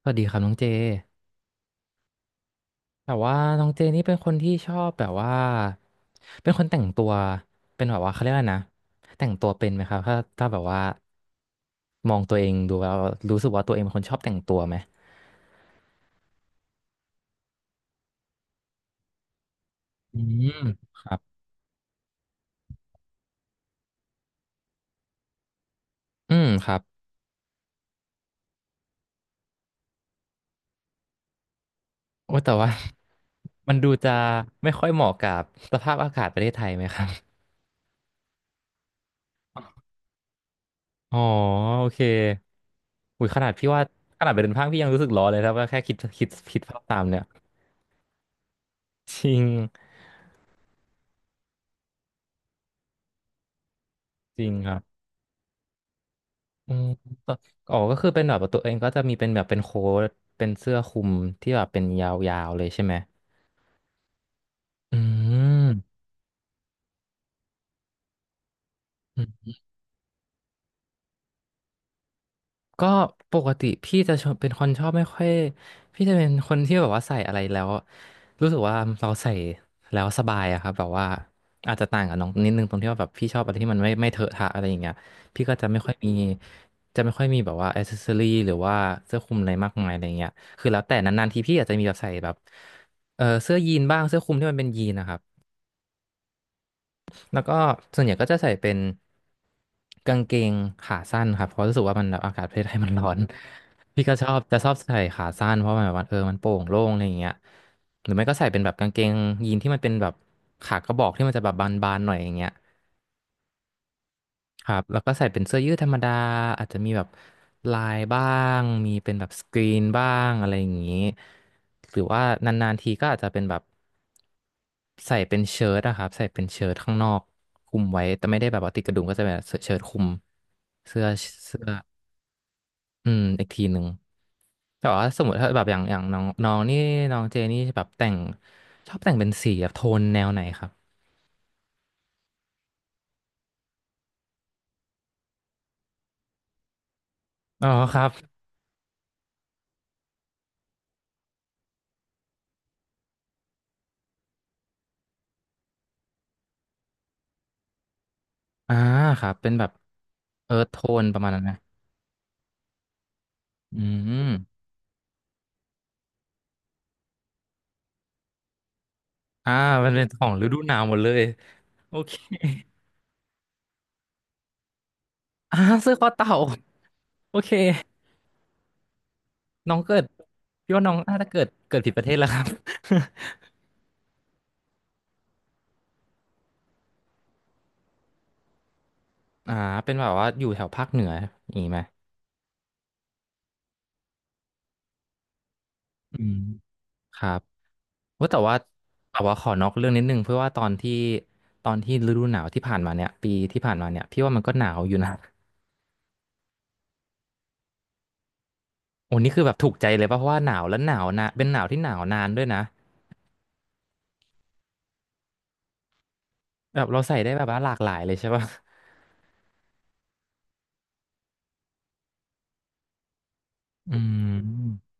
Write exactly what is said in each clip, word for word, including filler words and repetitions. สวัสดีครับน้องเจ แต่ว่าน้องเจนี่เป็นคนที่ชอบแบบว่า เป็นคนแต่งตัว เป็นแบบว่าเขาเรียกว่านะแต่งตัวเป็นไหมครับถ้าถ้าแบบว่ามองตัวเองดูแล้วรู้สึกว่าตัวเองเป็นคนชอบแต่งตัวไหมอืมครับอืม ครับโอ้แต่ว่า มันดูจะไม่ค่อยเหมาะกับสภาพอากาศประเทศไทยไหมครับอ๋อโอเคอุ้ยขนาดพี่ว่าขนาดไปเดินห้างพี่ยังรู้สึกร้อนเลยครับว่าแค่คิดคิดคิดภาพตามเนี่ย จริงจริงครับ อืมก็อ๋อก็คือเป็นแบบว่าตัวเองก็จะมีเป็นแบบเป็นโค้ทเป็นเสื้อคลุมที่แบบเป็นยาวๆเลยใช่ไหมอืม ก็ปกติพี่จะชอบเป็นคนชอบไม่ค่อยพี่จะเป็นคนที่แบบว่าใส่อะไรแล้วรู้สึกว่าเราใส่แล้วสบายอะครับแบบว่าอาจจะต่างกับน้องนิดนึงตรงที่ว่าแบบพี่ชอบอะไรที่มันไม่ไม่เถอะทะอะไรอย่างเงี้ยพี่ก็จะไม่ค่อยมีจะไม่ค่อยมีแบบว่าอ c เซสซอรี่หรือว่าเสื้อคลุมอะไรมากมายอะไรเงี้ยคือแล้วแต่นานๆทีพี่อาจจะมีแบบใส่แบบเออเสื้อยีนบ้างเสื้อคลุมที่มันเป็นยีนนะครับ แล้วก็ส่วนใหญ่ก็จะใส่เป็นกางเกงขาสั้นครับเพราะรู้สึกว่ามันแบบอากาศประเทศไทยมันร้อน พี่ก็ชอบจะชอบใส่ขาสั้นเพราะมันแบบว่าเออมันโปร่งโล่งอะไรอย่างเงี้ยหรือไม่ก็ใส่เป็นแบบกางเกงยีนที่มันเป็นแบบขากระบอกที่มันจะแบบบานๆหน่อยอย่างเงี้ย ครับแล้วก็ใส่เป็นเสื้อยืดธรรมดาอาจจะมีแบบลายบ้างมีเป็นแบบสกรีนบ้างอะไรอย่างนี้หรือว่านานๆทีก็อาจจะเป็นแบบใส่เป็นเชิ้ตอะครับใส่เป็นเชิ้ตข้างนอกคลุมไว้แต่ไม่ได้แบบว่าติดกระดุมก็จะเป็นแบบเชิ้ตคลุมเสื้อเสื้ออืมอีกทีหนึ่งแต่ว่าสมมติถ้าแบบอย่างอย่างน้องน้องนี่น้องเจนี่แบบแต่งชอบแต่งเป็นสีแบบโทนแนวไหนครับอ๋อครับอ่าครับเป็นแบบเอิร์ธโทนประมาณนั้นนะอืม อ่ามันเป็นของฤดูหนาวหมดเลยโอเคอ่าเสื้อคอเต่าโอเคน้องเกิดพี่ว่าน้องน่าจะเกิดเกิดผิดประเทศแล้วครับ อ่าเป็นแบบว่าอยู่แถวภาคเหนืออย่างนี้ไหมอืมครับว่าแต่ว่าแต่ว่าขอนอกเรื่องนิดนึงเพื่อว่าตอนที่ตอนที่ฤดูหนาวที่ผ่านมาเนี่ยปีที่ผ่านมาเนี่ยพี่ว่ามันก็หนาวอยู่นะ โอ้นี่คือแบบถูกใจเลยป่ะเพราะว่าหนาวแล้วหนาวนะเป็นหนาวที่หนาวนานด้วยนะแบบเราใส่ได้แบบว่าหลากหลายเลยใช่ป่ะอืม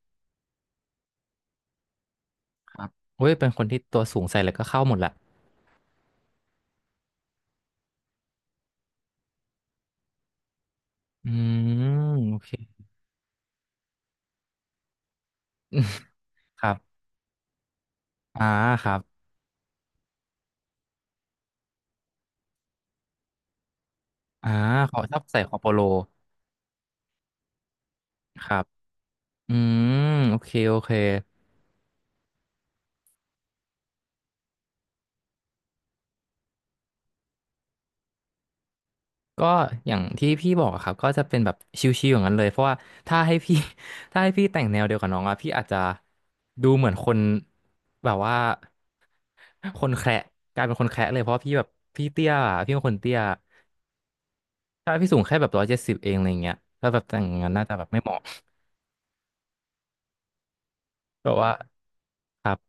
ครับเว้ยเป็นคนที่ตัวสูงใส่เลยก็เข้าหมดแหละอืมโอเค ครับอ่าครับอ่าเขาชอบใส่คอโปโลครับอืมโอเคโอเคก็อย่างที่พี่บอกอะครับก็จะเป็นแบบชิวๆอย่างนั้นเลยเพราะว่าถ้าให้พี่ ถ้าให้พี่แต่งแนวเดียวกับน้องอะพี่อาจจะดูเหมือนคนแบบว่าคนแคระกลายเป็นคนแคระเลยเพราะว่าพี่แบบพี่เตี้ยอะพี่เป็นคนเตี้ยถ้าพี่สูงแค่แบบร้อยเจ็ดสิบเองอะไรเงี้ยถ้าแบบแต่งงานน่าจะแบบไม่เหมาะแบบว่า ครับ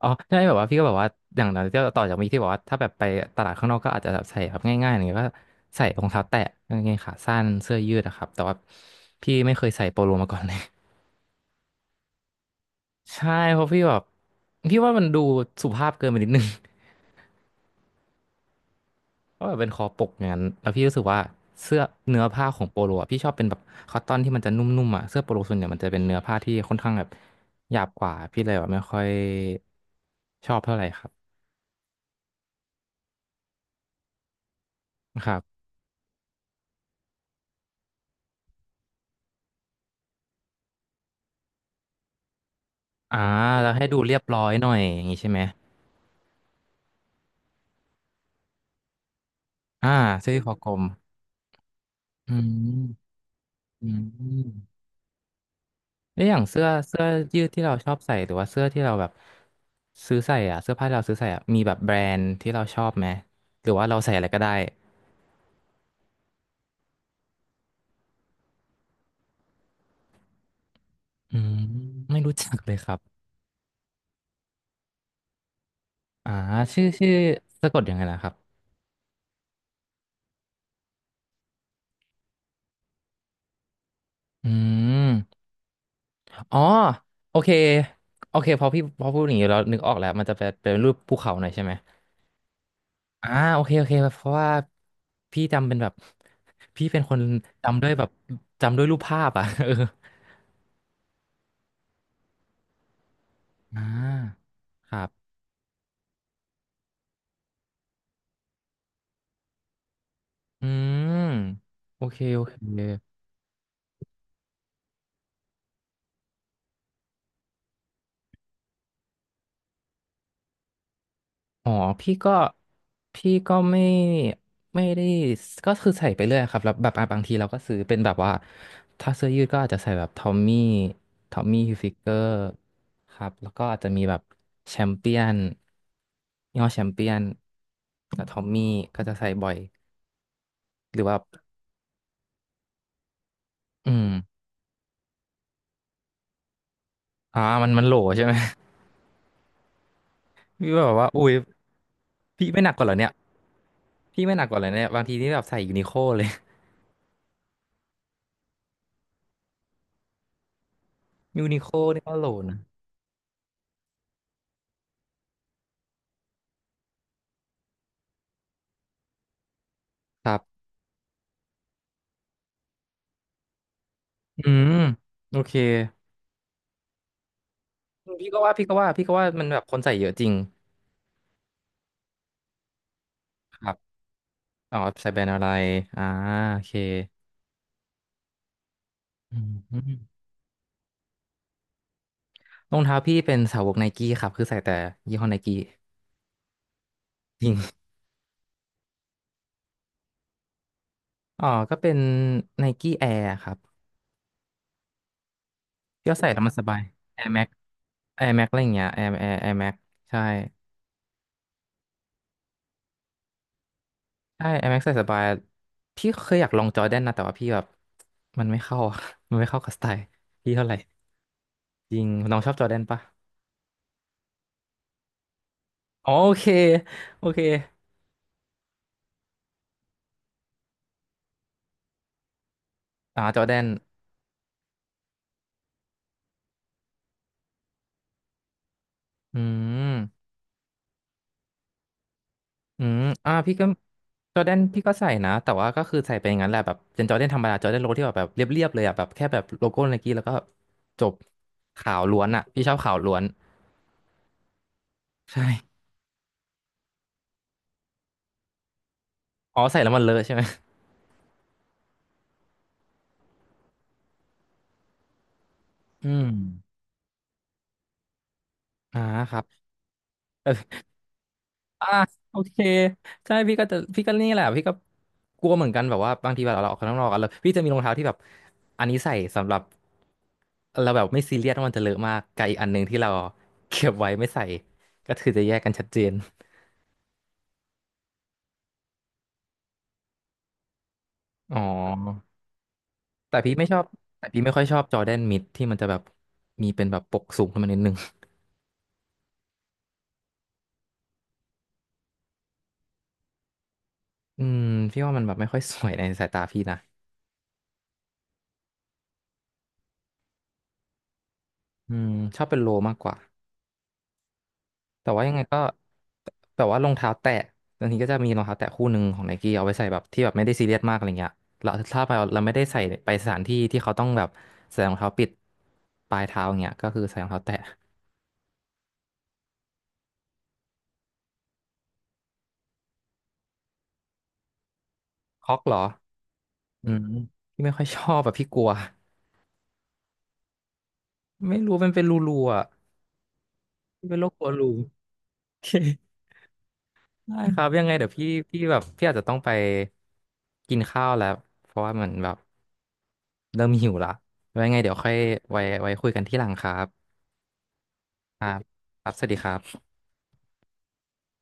อ๋อใช่แบบว่าพี่ก็แบบว่าอย่างนั้นทีต่อจากมีที่บอกว่า ถ้าแบบไปตลาดข้างนอกก็อาจจะแบบใส่แบบง่ายๆอย่างเงี้ยก็ใส่รองเท้าแตะกางเกงขาสั้นเสื้อยืดอะครับ แต่ว่าพี่ไม่เคยใส่โปโลมาก่อนเลย ใช่ เพราะพี่แบบพี่ว่ามันดูสุภาพเกินไปนิดนึง เพราะแบบเป็นคอปกอย่างนั้นแล้วพี่รู้สึกว่าเสื้อเนื้อผ้าของโปโลอะพี่ชอบเป็นแบบคอตตอนที่มันจะนุ่มๆอ่ะเสื้อโปโลส่วนใหญ่มันจะเป็นเนื้อผ้าที่ค่อนข้างแบบหยาบกว่าพี่เลยแบบไม่ค่อยชอบเท่าไหร่ครับครับ อ่าแล้วให้ดูเรียบร้อยหน่อยอย่างงี้ใช่ไหมอ่าเสื้อยืดคอกลมอืมอืมแล้วอย่างเสื้อเสื้อยืดที่เราชอบใส่หรือว่าเสื้อที่เราแบบซื้อใส่อ่ะเสื้อผ้าที่เราซื้อใส่อ่ะมีแบบแบรนด์ที่เราชอบไหมหรือว่าเราใส่อะไรก็ได้อืมไม่รู้จักเลยครับอ่าชื่อชื่อสะกดยังไงนะครับอืมอ๋อโอเคโอเคพอพี่พอพูดอย่างนี้เรานึกออกแล้วมันจะเป็นเป็นรูปภูเขาหน่อยใช่ไหม อ่าโอเคโอเคเพราะว่าพี่จำเป็นแบบ พี่เป็นคนจำด้วยแบบจำด้วยรูปภาพอ่ะ เอออ่าครับอืมโอเคโอเคอ๋อพี่ก็พี่ก็ไม่ไม่ได้ก็คือใส่ไปเรื่อยครับแล้วแบบอ่ะบางทีเราก็ซื้อเป็นแบบว่าถ้าเสื้อยืดก็อาจจะใส่แบบทอมมี่ทอมมี่ฮิลฟิเกอร์ครับแล้วก็อาจจะมีแบบแชมเปี้ยนยี่ห้อแชมเปี้ยนกับทอมมี่ก็จะใส่บ่อย หรือว่าอืมอ่ามันมันโหลใช่ไหม พี่ก็แบบว่าอุ้ยพี่ไม่หนักกว่าเหรอเนี่ยพี่ไม่หนักกว่าเหรอเนี่ยบางทีนี่แบบใส่ยูนิโคเลย ยูนิโคนี่ก็โหลนะครับอืมโอเคพี่ก็ว่าพี่ก็ว่าพี่ก็ว่ามันแบบคนใส่เยอะจริงครับอ๋อใส่แบรนด์อะไรอ่าโอเคอืมรองเท้าพี่เป็นสาวกไนกี้ครับคือใส่แต่ยี่ห้อไนกี้จริง อ๋อก็เป็นไนกี้แอร์ครับพี่ก็ใส่แล้วมันสบาย Air Max Air Max อะไรอย่างเงี้ย Air Air Air Max ใช่ ใช่ ไอ เอ็ม ซี ซี ใส่สบายพี่เคยอยากลองจอร์แดนนะแต่ว่าพี่แบบมันไม่เข้าอะ มันไม่เข้ากับสไตล์พี่เท่าไหร่จริงน้องชอบจอร์แดนปะอ๋อโอเคโอเคอ่าจอร์แดนอืมอืมอ่าพี่ก็จอร์แดนพี่ก็ใส่นะแต่ว่าก็คือใส่ไปอย่างนั้นแหละแบบเป็นจอร์แดนธรรมดาจอร์แดนโลที่แบบแบบเรียบๆเลยอ่ะแบบแค่แบบโลโก้ไนกี้แล้วก็จบขาวล้วนอ่ะพี่ชอบขาวล้วนใช่อ๋อใส่แล้วมันเลอะใช่ไหมอืมอ่าครับ อ่าโอเคใช่พี่ก็จะพี่ก็นี่แหละพี่ก็กลัวเหมือนกันแบบว่าบางทีแบบเราออกข้างนอกกันแล้วพี่จะมีรองเท้าที่แบบอันนี้ใส่สำหรับเราแบบไม่ซีเรียสว่ามันจะเลอะมากกับอีกอันหนึ่งที่เราเก็บไว้ไม่ใส่ก็คือจะแยกกันชัดเจนอ๋อแต่พี่ไม่ชอบแต่พี่ไม่ค่อยชอบจอแดนมิดที่มันจะแบบมีเป็นแบบปกสูงขึ้นมานิดนึงอืมพี่ว่ามันแบบไม่ค่อยสวยในสายตาพี่นะอืมชอบเป็นโลมากกว่า แต่ว่ายังไงก็แต่ว่ารองเท้าแตะบางทีก็จะมีรองเท้าแตะคู่หนึ่งของไนกี้เอาไว้ใส่แบบที่แบบไม่ได้ซีเรียสมากอะไรเงี้ยเราถ้าเราเราไม่ได้ใส่ไปสถานที่ที่เขาต้องแบบใส่รองเท้าปิดปลายเท้าอย่างเงี้ยก็คือใส่รองเท้าแตะคอกเหรออืมพี่ไม่ค่อยชอบแบบพี่กลัวไม่รู้มันเป็นรูรูอ่ะพี่เป็นโรคกลัวรูได้ครับยังไงเดี๋ยวพี่พี่แบบพี่อาจจะต้องไปกินข้าวแล้วเพราะว่ามันแบบเริ่มหิวละไว้ยังไงเดี๋ยวค่อยไว้ไว้คุยกันที่หลังครับครับครับสวัสดีครับ